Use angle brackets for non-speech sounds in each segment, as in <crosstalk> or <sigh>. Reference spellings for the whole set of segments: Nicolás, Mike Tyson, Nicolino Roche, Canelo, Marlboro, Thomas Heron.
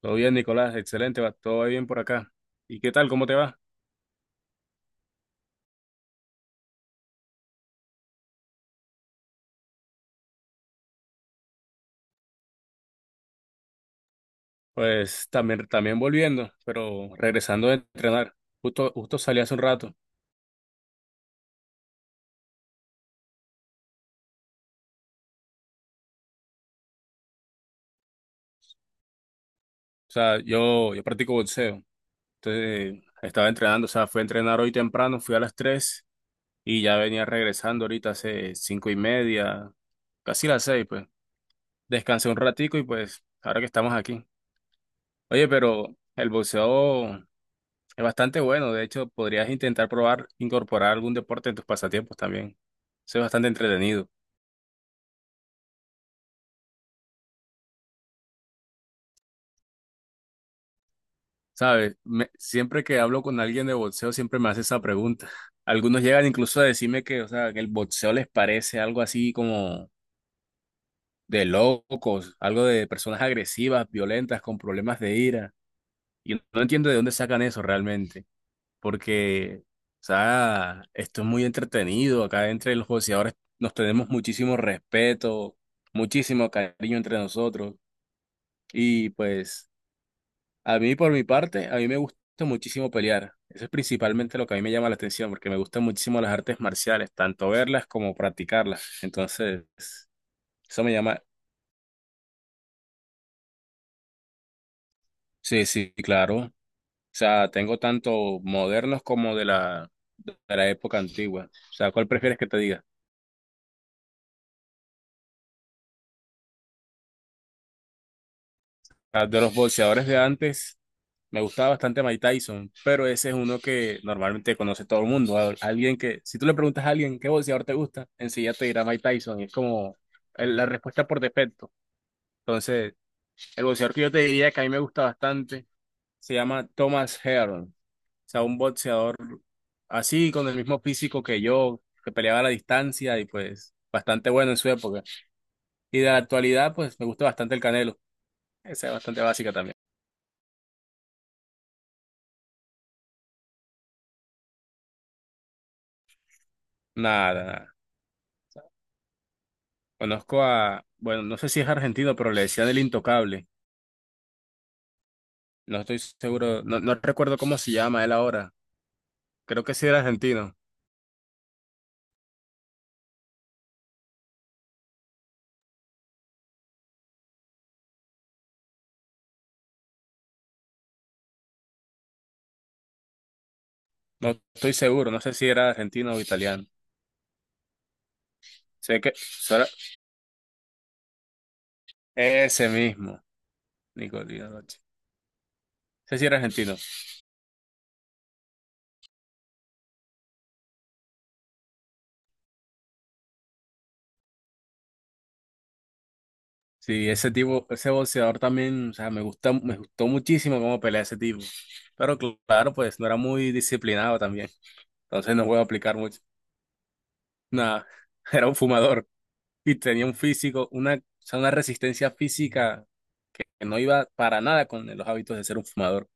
Todo bien, Nicolás, excelente, va todo bien por acá. ¿Y qué tal? ¿Cómo te va? Pues también volviendo, pero regresando de entrenar. Justo salí hace un rato. O sea, yo practico boxeo. Entonces, estaba entrenando, o sea, fui a entrenar hoy temprano, fui a las 3 y ya venía regresando ahorita hace 5:30, casi las 6, pues. Descansé un ratico y pues, ahora que estamos aquí. Oye, pero el boxeo es bastante bueno, de hecho, podrías intentar probar incorporar algún deporte en tus pasatiempos también. Eso es bastante entretenido. ¿Sabes? Siempre que hablo con alguien de boxeo, siempre me hace esa pregunta. Algunos llegan incluso a decirme que, o sea, que el boxeo les parece algo así como de locos, algo de personas agresivas, violentas, con problemas de ira. Y no entiendo de dónde sacan eso realmente, porque, o sea, esto es muy entretenido. Acá entre los boxeadores nos tenemos muchísimo respeto, muchísimo cariño entre nosotros. Y pues, a mí por mi parte, a mí me gusta muchísimo pelear. Eso es principalmente lo que a mí me llama la atención, porque me gustan muchísimo las artes marciales, tanto verlas como practicarlas. Entonces, eso me llama, sí, sí, claro. O sea, tengo tanto modernos como de la época antigua. O sea, ¿cuál prefieres que te diga? Ah, de los boxeadores de antes. Me gustaba bastante Mike Tyson, pero ese es uno que normalmente conoce todo el mundo. Alguien que, si tú le preguntas a alguien qué boxeador te gusta, enseguida te dirá Mike Tyson, y es como la respuesta por defecto. Entonces, el boxeador que yo te diría que a mí me gusta bastante se llama Thomas Heron. O sea, un boxeador así, con el mismo físico que yo, que peleaba a la distancia y pues bastante bueno en su época. Y de la actualidad, pues me gusta bastante el Canelo. Esa es bastante básica también. Nada, nada. Conozco a, bueno, no sé si es argentino, pero le decían el intocable. No estoy seguro, no, no recuerdo cómo se llama él ahora. Creo que sí era argentino. No estoy seguro, no sé si era argentino o italiano. Sé que ese mismo, Nicolino Roche. No sé si era argentino. Sí, ese tipo, ese boxeador también, o sea, me gusta, me gustó muchísimo cómo pelea ese tipo. Pero claro, pues no era muy disciplinado también. Entonces no puedo aplicar mucho. Nada, <laughs> era un fumador, y tenía un físico, una, o sea, una resistencia física que no iba para nada con los hábitos de ser un fumador.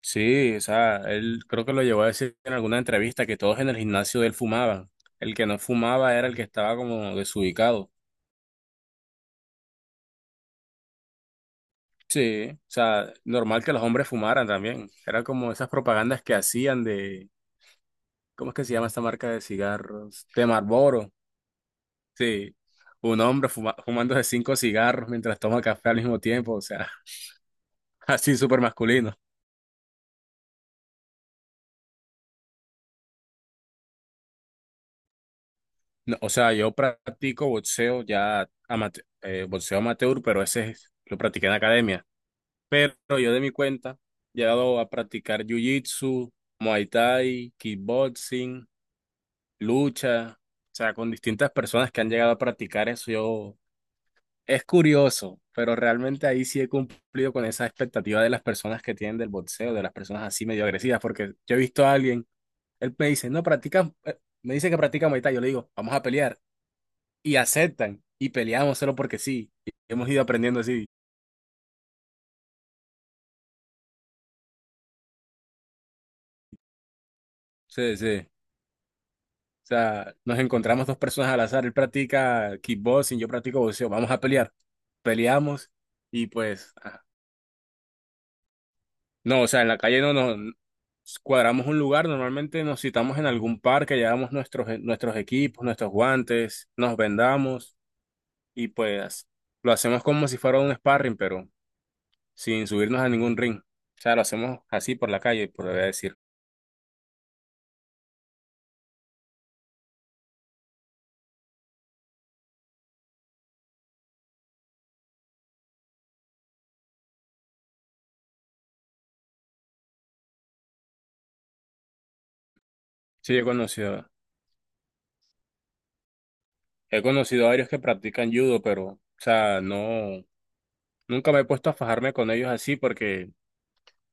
Sí, o sea, él creo que lo llevó a decir en alguna entrevista que todos en el gimnasio de él fumaban. El que no fumaba era el que estaba como desubicado. Sí, o sea, normal que los hombres fumaran también. Era como esas propagandas que hacían de, ¿cómo es que se llama esta marca de cigarros? De Marlboro. Sí, un hombre fumándose cinco cigarros mientras toma café al mismo tiempo, o sea, <laughs> así súper masculino. No, o sea, yo practico boxeo ya boxeo amateur, pero ese lo practiqué en la academia. Pero yo de mi cuenta he llegado a practicar jiu-jitsu, muay thai, kickboxing, lucha, o sea, con distintas personas que han llegado a practicar eso. Yo es curioso, pero realmente ahí sí he cumplido con esa expectativa de las personas que tienen del boxeo, de las personas así medio agresivas, porque yo he visto a alguien, él me dice, "No practica, me dice que practica muay thai", yo le digo, "Vamos a pelear", y aceptan y peleamos solo porque sí. Y hemos ido aprendiendo así. Sí, sí. O sea, nos encontramos dos personas al azar. Él practica kickboxing, yo practico boxeo. Vamos a pelear. Peleamos y pues... ah. No, o sea, en la calle no nos cuadramos un lugar. Normalmente nos citamos en algún parque, llevamos nuestros, equipos, nuestros guantes, nos vendamos y pues lo hacemos como si fuera un sparring, pero sin subirnos a ningún ring. O sea, lo hacemos así por la calle, por decir. Sí, yo conocí. He conocido a varios que practican judo, pero, o sea, no, nunca me he puesto a fajarme con ellos así porque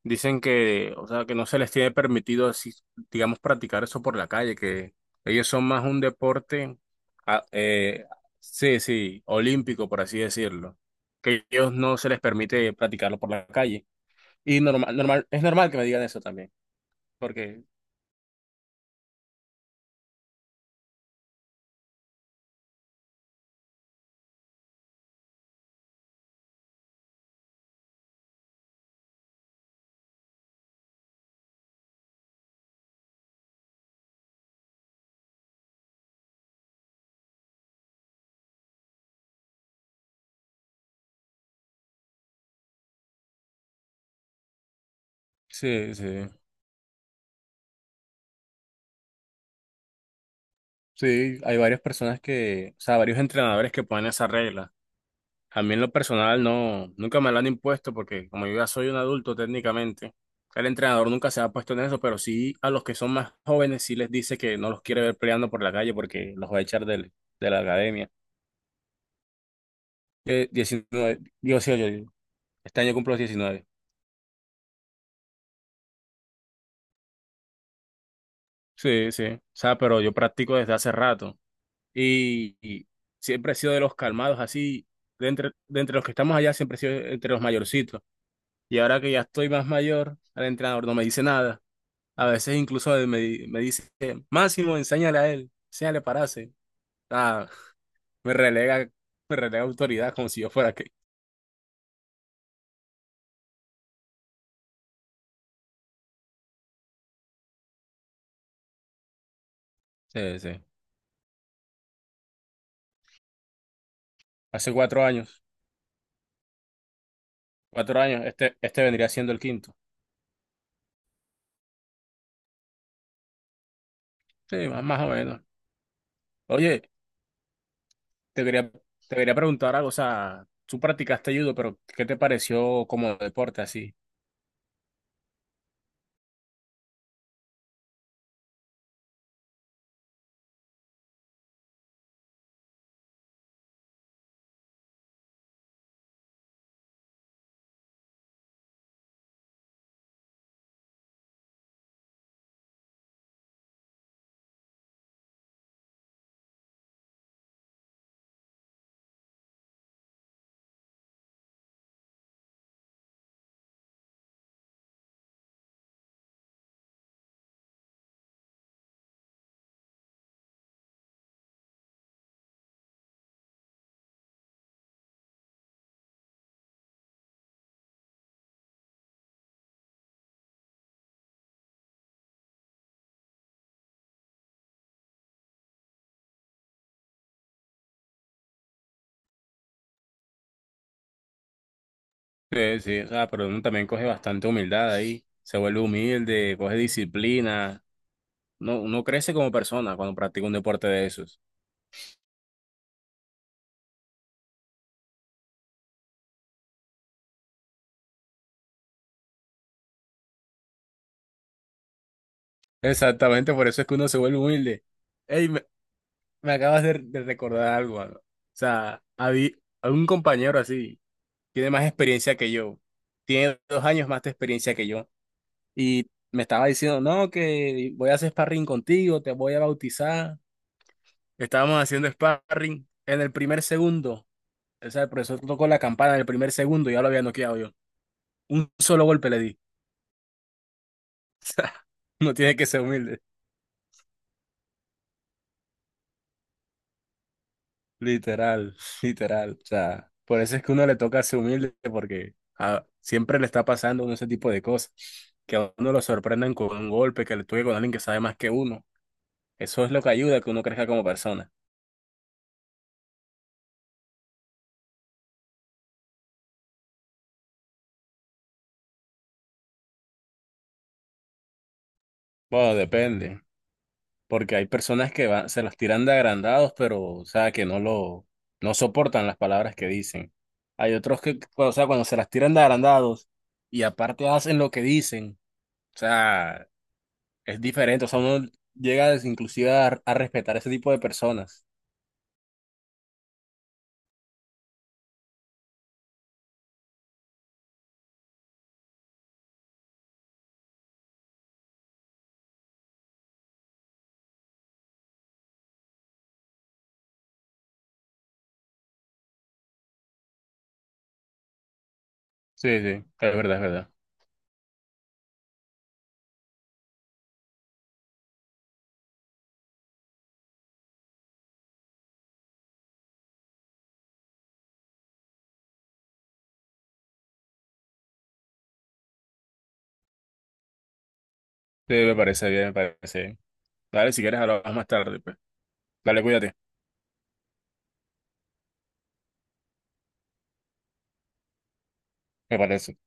dicen que, o sea, que no se les tiene permitido así, digamos, practicar eso por la calle, que ellos son más un deporte, ah, eh, sí, sí, olímpico, por así decirlo, que ellos no se les permite practicarlo por la calle. Y normal, normal, es normal que me digan eso también, porque sí, sí, sí, hay varias personas que, o sea, varios entrenadores que ponen esa regla. A mí en lo personal no, nunca me lo han impuesto porque como yo ya soy un adulto técnicamente, el entrenador nunca se ha puesto en eso, pero sí a los que son más jóvenes sí les dice que no los quiere ver peleando por la calle porque los va a echar de la academia. 19, digo, sí, este año cumplo los 19. Sí, sí, o sea, pero yo practico desde hace rato y, siempre he sido de los calmados, así, de entre los que estamos allá siempre he sido entre los mayorcitos. Y ahora que ya estoy más mayor, el entrenador no me dice nada. A veces incluso me, dice, Máximo, enséñale a él, enséñale pararse. Ah, me relega, me relega autoridad como si yo fuera que. Sí, sí. Hace 4 años, 4 años, este, vendría siendo el quinto. Sí, más o menos. Oye, te quería, te quería preguntar algo, o sea, tú practicaste judo, pero ¿qué te pareció como deporte así? Sí, sí, o sea, pero uno también coge bastante humildad ahí, se vuelve humilde, coge disciplina, no, uno crece como persona cuando practica un deporte de esos. Exactamente, por eso es que uno se vuelve humilde. Ey, me, acabas de recordar algo, mano. O sea, algún compañero así tiene más experiencia que yo, tiene 2 años más de experiencia que yo, y me estaba diciendo, no, que voy a hacer sparring contigo, te voy a bautizar. Estábamos haciendo sparring en el primer segundo. O sea, el profesor tocó la campana en el primer segundo y ya lo había noqueado yo. Un solo golpe le di. <laughs> O sea, uno tiene que ser humilde. Literal, <laughs> literal. O sea, por eso es que uno le toca ser humilde, porque siempre le está pasando a uno ese tipo de cosas. Que a uno lo sorprendan con un golpe, que le toque con alguien que sabe más que uno. Eso es lo que ayuda a que uno crezca como persona. Bueno, depende, porque hay personas que van, se los tiran de agrandados, pero, o sea, que no soportan las palabras que dicen. Hay otros que, o sea, cuando se las tiran de agrandados y aparte hacen lo que dicen, o sea. Es diferente, o sea, uno llega inclusive a respetar ese tipo de personas. Sí, sí, es verdad, es verdad. Sí, me parece bien, me parece bien. Dale, si quieres, hablamos más tarde, pues. Dale, cuídate. Me parece.